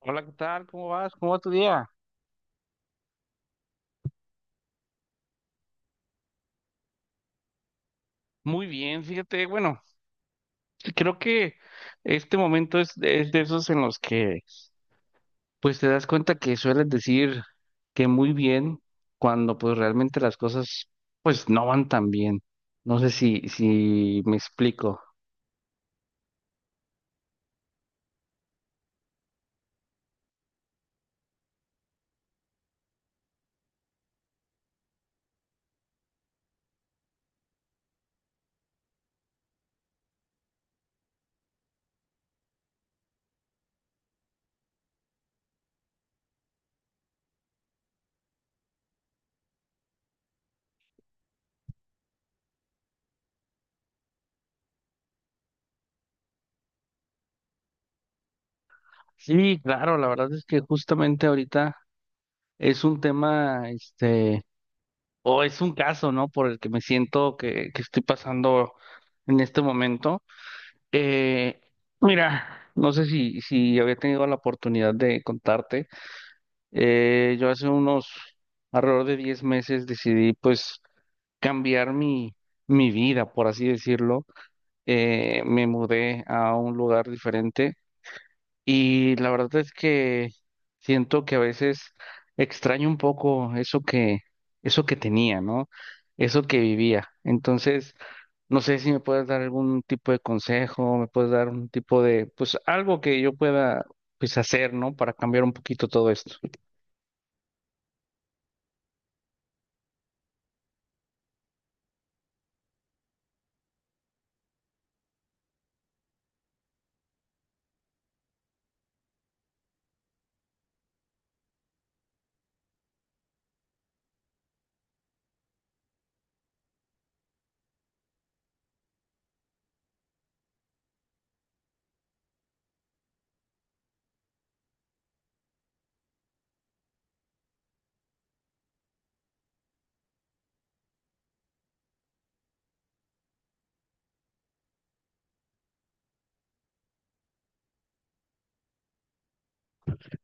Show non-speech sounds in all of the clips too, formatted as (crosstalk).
Hola, ¿qué tal? ¿Cómo vas? ¿Cómo va tu día? Muy bien, fíjate, bueno, creo que este momento es de esos en los que pues te das cuenta que sueles decir que muy bien cuando pues realmente las cosas pues no van tan bien. No sé si me explico. Sí, claro, la verdad es que justamente ahorita es un tema, este, o es un caso, ¿no? Por el que me siento que estoy pasando en este momento. Eh, Mira, no sé si había tenido la oportunidad de contarte. Yo hace unos alrededor de 10 meses decidí pues cambiar mi vida, por así decirlo. Me mudé a un lugar diferente y la verdad es que siento que a veces extraño un poco eso que tenía, ¿no? Eso que vivía. Entonces no sé si me puedes dar algún tipo de consejo, me puedes dar un tipo de, pues algo que yo pueda, pues hacer, ¿no? Para cambiar un poquito todo esto.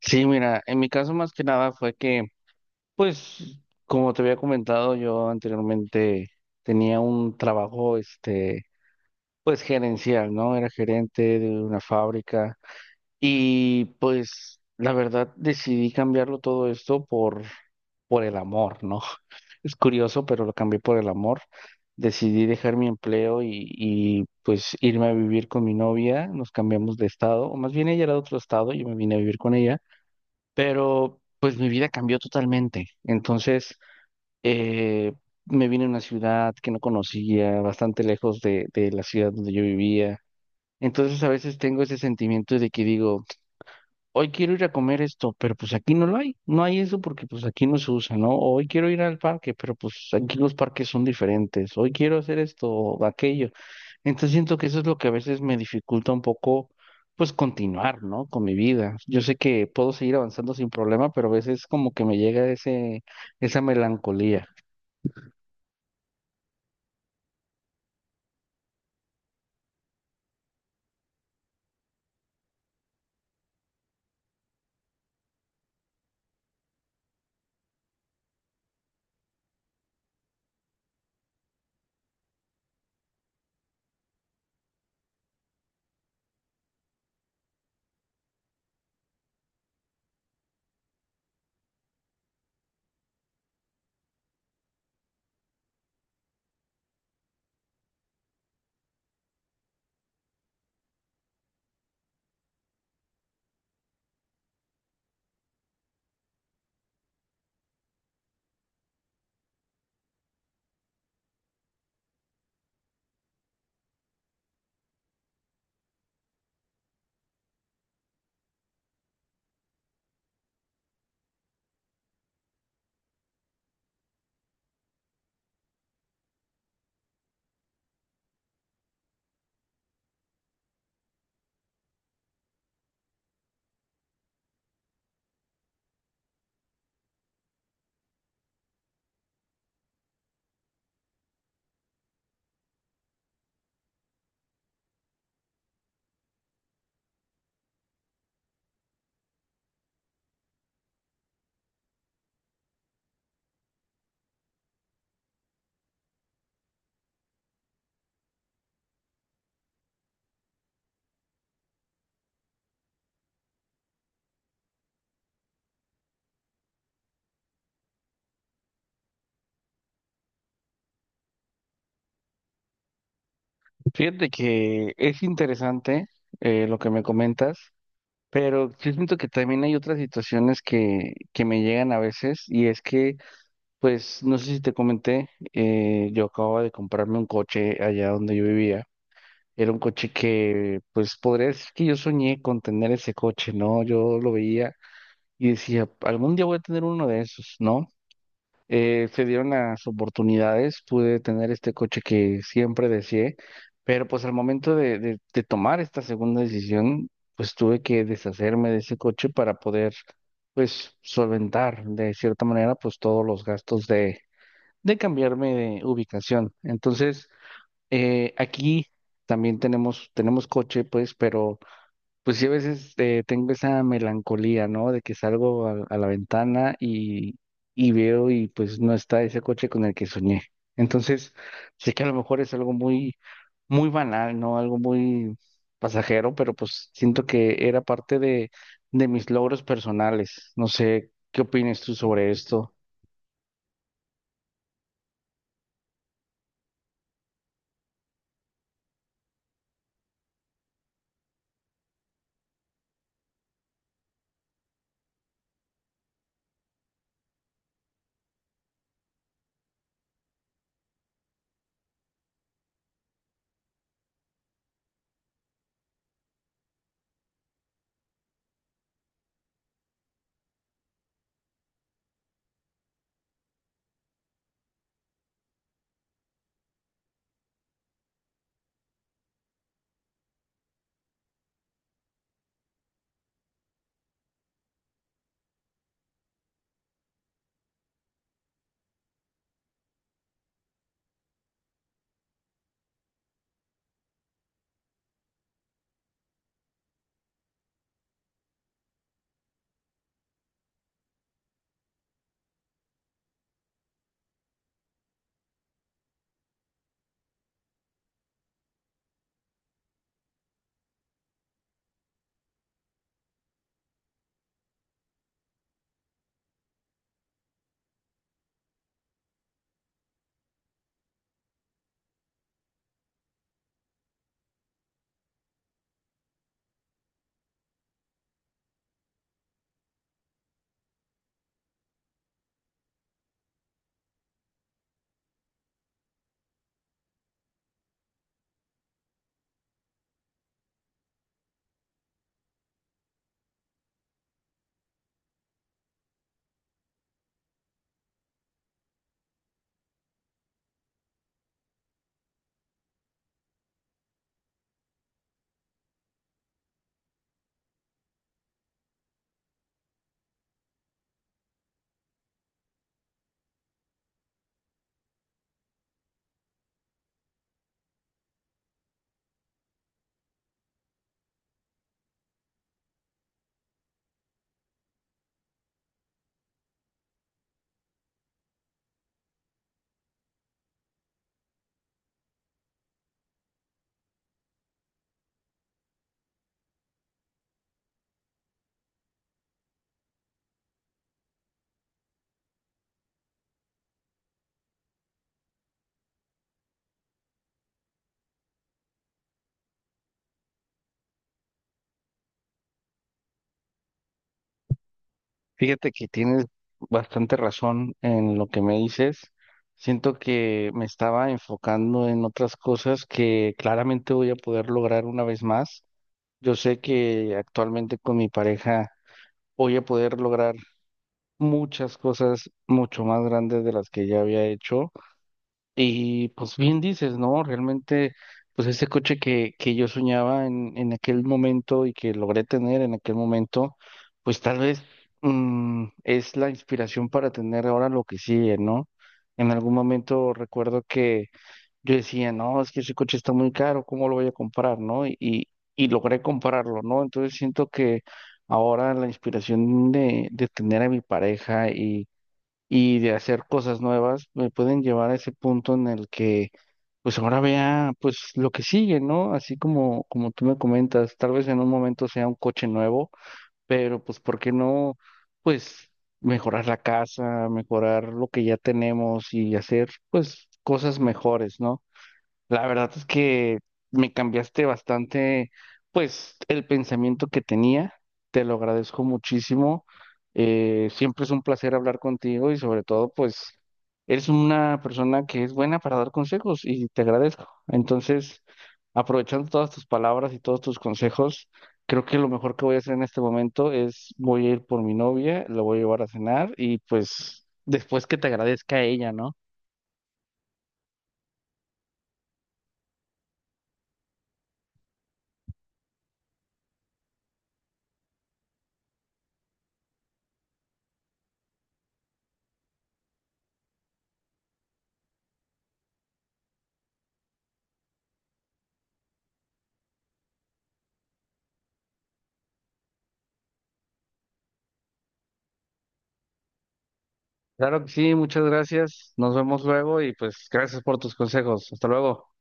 Sí, mira, en mi caso más que nada fue que, pues, como te había comentado, yo anteriormente tenía un trabajo, este, pues gerencial, ¿no? Era gerente de una fábrica. Y pues la verdad decidí cambiarlo todo esto por el amor, ¿no? (laughs) Es curioso, pero lo cambié por el amor. Decidí dejar mi empleo y pues irme a vivir con mi novia. Nos cambiamos de estado, o más bien ella era de otro estado, yo me vine a vivir con ella, pero pues mi vida cambió totalmente. Entonces, eh, me vine a una ciudad que no conocía, bastante lejos de la ciudad donde yo vivía. Entonces a veces tengo ese sentimiento de que digo, hoy quiero ir a comer esto, pero pues aquí no lo hay, no hay eso porque pues aquí no se usa, ¿no? O hoy quiero ir al parque, pero pues aquí los parques son diferentes, hoy quiero hacer esto o aquello. Entonces siento que eso es lo que a veces me dificulta un poco, pues continuar, ¿no? Con mi vida. Yo sé que puedo seguir avanzando sin problema, pero a veces como que me llega esa melancolía. Fíjate que es interesante lo que me comentas, pero yo siento que también hay otras situaciones que me llegan a veces y es que pues no sé si te comenté, yo acababa de comprarme un coche allá donde yo vivía. Era un coche que, pues podría decir que yo soñé con tener ese coche, ¿no? Yo lo veía y decía, algún día voy a tener uno de esos, ¿no? Se dieron las oportunidades, pude tener este coche que siempre deseé, pero pues al momento de tomar esta segunda decisión, pues tuve que deshacerme de ese coche para poder, pues, solventar de cierta manera, pues todos los gastos de cambiarme de ubicación. Entonces, aquí también tenemos coche, pues, pero pues sí a veces tengo esa melancolía, ¿no? De que salgo a la ventana y veo y pues no está ese coche con el que soñé. Entonces, sé que a lo mejor es algo muy banal, ¿no? Algo muy pasajero, pero pues siento que era parte de mis logros personales. No sé, ¿qué opinas tú sobre esto? Fíjate que tienes bastante razón en lo que me dices. Siento que me estaba enfocando en otras cosas que claramente voy a poder lograr una vez más. Yo sé que actualmente con mi pareja voy a poder lograr muchas cosas mucho más grandes de las que ya había hecho. Y pues bien dices, ¿no? Realmente, pues ese coche que yo soñaba en aquel momento y que logré tener en aquel momento, pues tal vez es la inspiración para tener ahora lo que sigue, ¿no? En algún momento recuerdo que yo decía, no, es que ese coche está muy caro, ¿cómo lo voy a comprar, no? Y logré comprarlo, ¿no? Entonces siento que ahora la inspiración de tener a mi pareja y de hacer cosas nuevas, me pueden llevar a ese punto en el que, pues ahora vea, pues lo que sigue, ¿no? Así como tú me comentas, tal vez en un momento sea un coche nuevo, pero pues, ¿por qué no? Pues mejorar la casa, mejorar lo que ya tenemos y hacer, pues, cosas mejores, ¿no? La verdad es que me cambiaste bastante, pues, el pensamiento que tenía. Te lo agradezco muchísimo. Siempre es un placer hablar contigo y sobre todo, pues, eres una persona que es buena para dar consejos y te agradezco. Entonces, aprovechando todas tus palabras y todos tus consejos, creo que lo mejor que voy a hacer en este momento es voy a ir por mi novia, la voy a llevar a cenar y pues después que te agradezca a ella, ¿no? Claro que sí, muchas gracias. Nos vemos luego y pues gracias por tus consejos. Hasta luego.